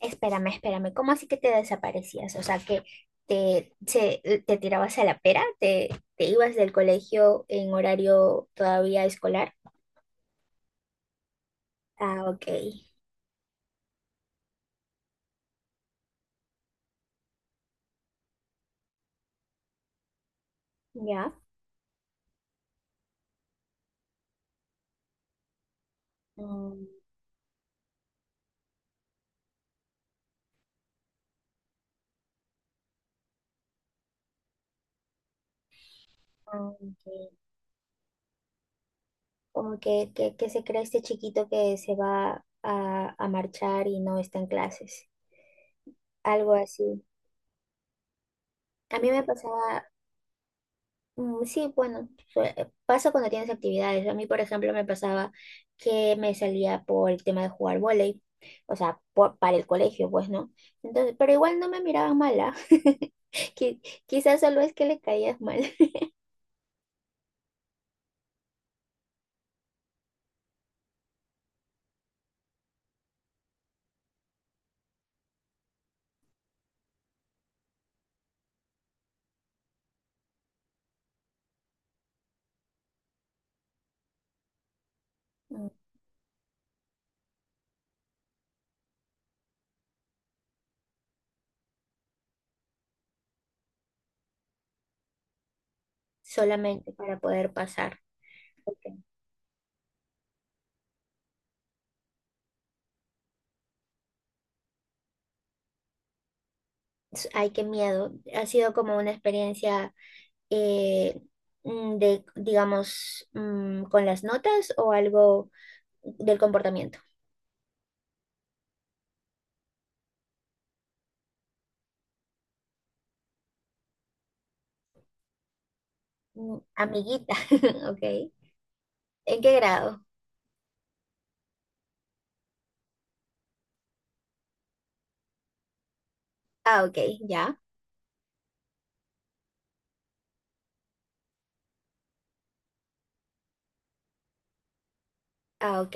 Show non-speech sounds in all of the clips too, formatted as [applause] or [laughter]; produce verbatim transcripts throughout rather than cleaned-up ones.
Espérame, espérame, ¿cómo así que te desaparecías? O sea, que te, se- te tirabas a la pera, te, te ibas del colegio en horario todavía escolar. Ah, ok, ya. Mm, ah, ok. Como que, que, que se cree este chiquito que se va a, a marchar y no está en clases. Algo así. A mí me pasaba. Mm, sí, bueno, sue- pasa cuando tienes actividades. A mí, por ejemplo, me pasaba que me salía por el tema de jugar vóley, o sea, por- para el colegio, pues, ¿no? Entonces, pero igual no me miraban mala. [laughs] Qui- Quizás solo es que le caías mal. Mm, solamente para poder pasar. Ok. S- Ay, qué miedo. Ha sido como una experiencia eh, mm, de, digamos, mm, con las notas o algo del comportamiento. Mm, amiguita, [laughs] ok. ¿En qué grado? Ah, ok, ya. Ah, ok.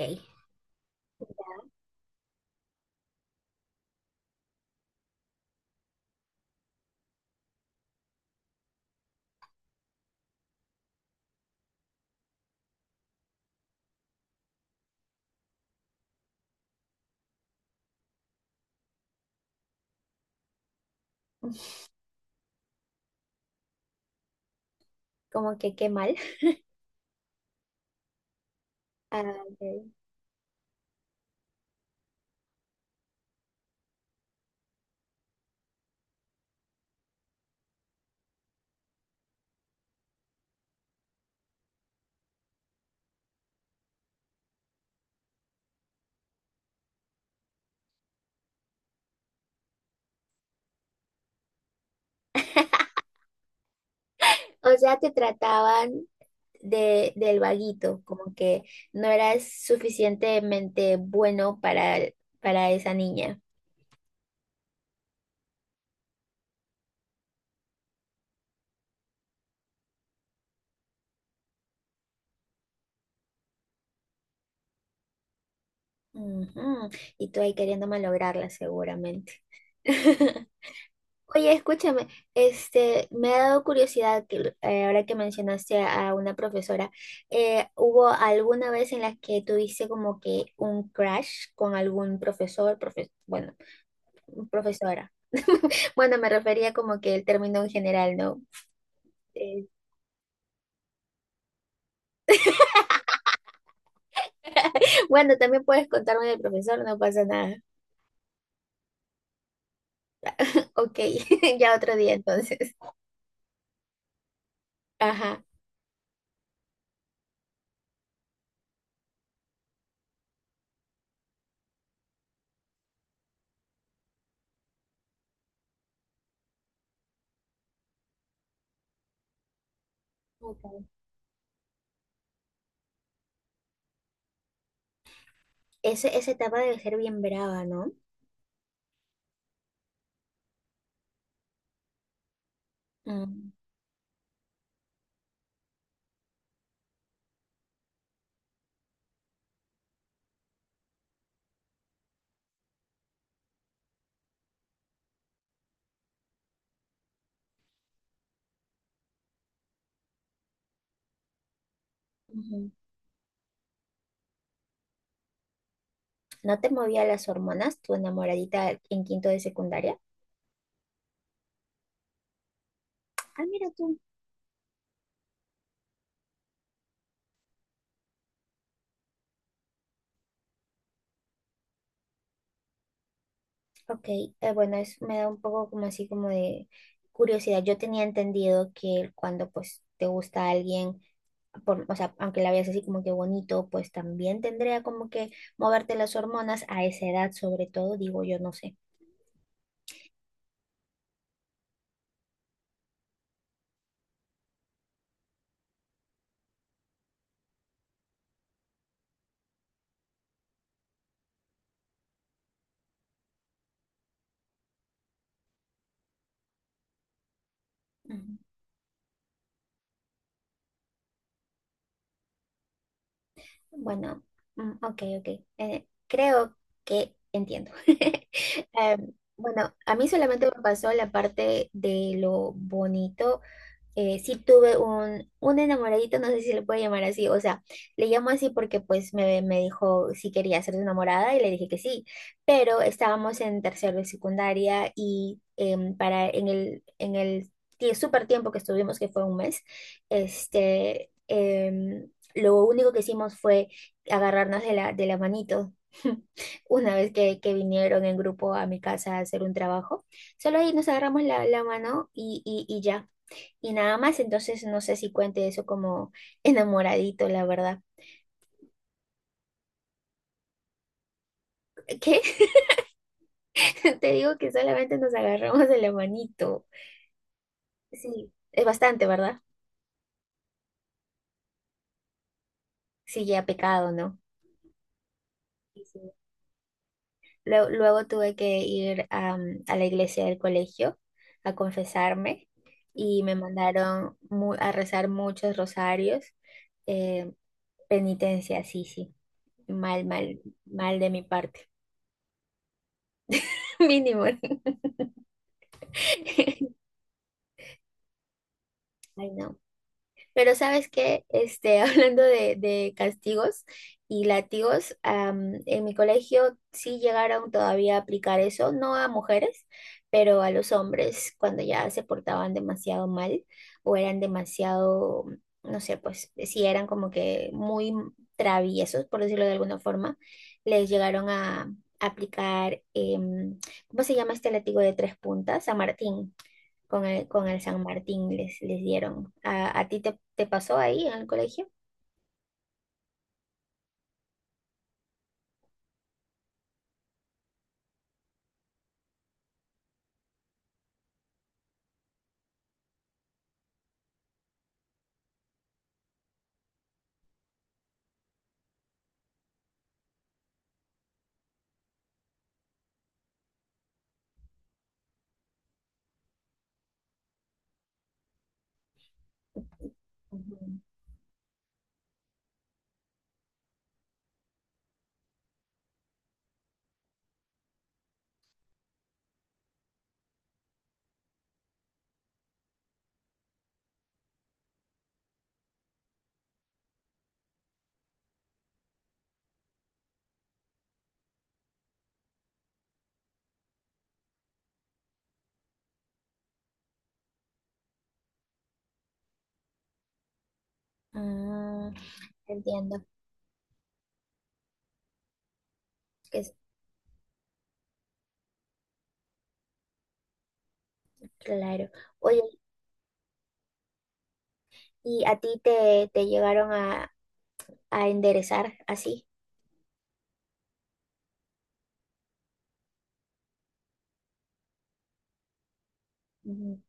Como que qué mal. [laughs] Ah, ok. O sea, te trataban de, del vaguito, como que no eras suficientemente bueno para, para esa niña. Ujú. Y tú ahí queriendo malograrla seguramente. [laughs] Oye, escúchame, este, me ha dado curiosidad que eh, ahora que mencionaste a una profesora, eh, ¿hubo alguna vez en la que tuviste como que un crush con algún profesor, profe- bueno, profesora? [laughs] Bueno, me refería como que el término en general, ¿no? Eh, bueno, también puedes contarme del profesor, no pasa nada. [laughs] Ok, [laughs] ya otro día entonces. Ajá. Ok. Ese- esa etapa debe ser bien brava, ¿no? Mm. Ujú. ¿No te movía las hormonas tu enamoradita en quinto de secundaria? Ah, mira tú. Ok, eh, bueno, es, me da un poco como así como de curiosidad. Yo tenía entendido que cuando pues te gusta alguien, por, o sea, aunque la veas así como que bonito, pues también tendría como que moverte las hormonas a esa edad, sobre todo, digo yo, no sé. Ujú. Bueno, mm, ok, ok. Eh, creo que entiendo. [laughs] Em, bueno, a mí solamente me pasó la parte de lo bonito. eh, sí tuve un, un enamoradito, no sé si se le puede llamar así, o sea, le llamo así porque pues me, me dijo si quería ser su enamorada y le dije que sí, pero estábamos en tercero de secundaria y em, para en el, en el tie- súper tiempo que estuvimos, que fue un mes, este, em, lo único que hicimos fue agarrarnos de la, de la manito. [laughs] Una vez que, que vinieron en grupo a mi casa a hacer un trabajo, solo ahí nos agarramos la, la mano y, y, y ya y nada más, entonces no sé si cuente eso como [laughs] enamoradito, la verdad. ¿Qué? [laughs] Te digo que solamente nos agarramos de la manito. Sí, es bastante, ¿verdad? Sí, ya pecado, ¿no? Sí, sí. Luego, luego tuve que ir am, a la iglesia del colegio a confesarme y me mandaron mu- a rezar muchos rosarios. eh, penitencia, sí, sí. Mal, mal, mal de mi parte. [laughs] Mínimo. [laughs] Ay, no. Pero ¿sabes qué? Este, [laughs] hablando de, de castigos y látigos, am, en mi colegio sí llegaron todavía a aplicar eso, no a mujeres, pero a los hombres cuando ya se portaban demasiado mal o eran demasiado, no sé, pues si eran como que muy traviesos, por decirlo de alguna forma, les llegaron a aplicar, em, ¿cómo se llama este látigo de tres puntas? San Martín con el, con el San Martín les, les dieron. ¿A, a ti te, te pasó ahí en el colegio? Ujú. Ah, entiendo, que es claro. Oye, ¿y a ti te, te llegaron a, a enderezar así? Ujú.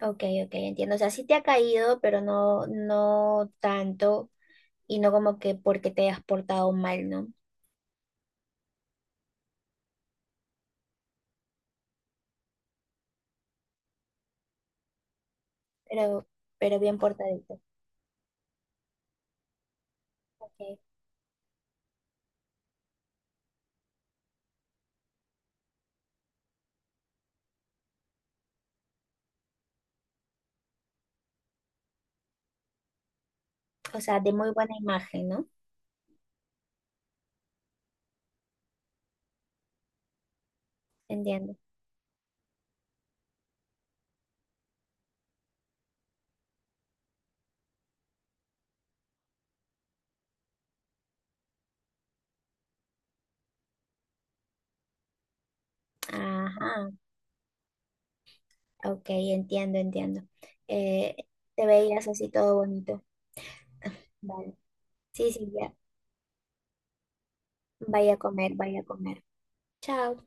Ok, ok, entiendo. O sea, sí te ha caído, pero no, no tanto y no como que porque te has portado mal, ¿no? Pero, pero bien portadito. Ok. O sea, de muy buena imagen, ¿no? Entiendo. Ajá. Ok, entiendo, entiendo. Eh, te veías así todo bonito. Vale. Sí, sí, ya. Vaya a comer, vaya a comer. Chao.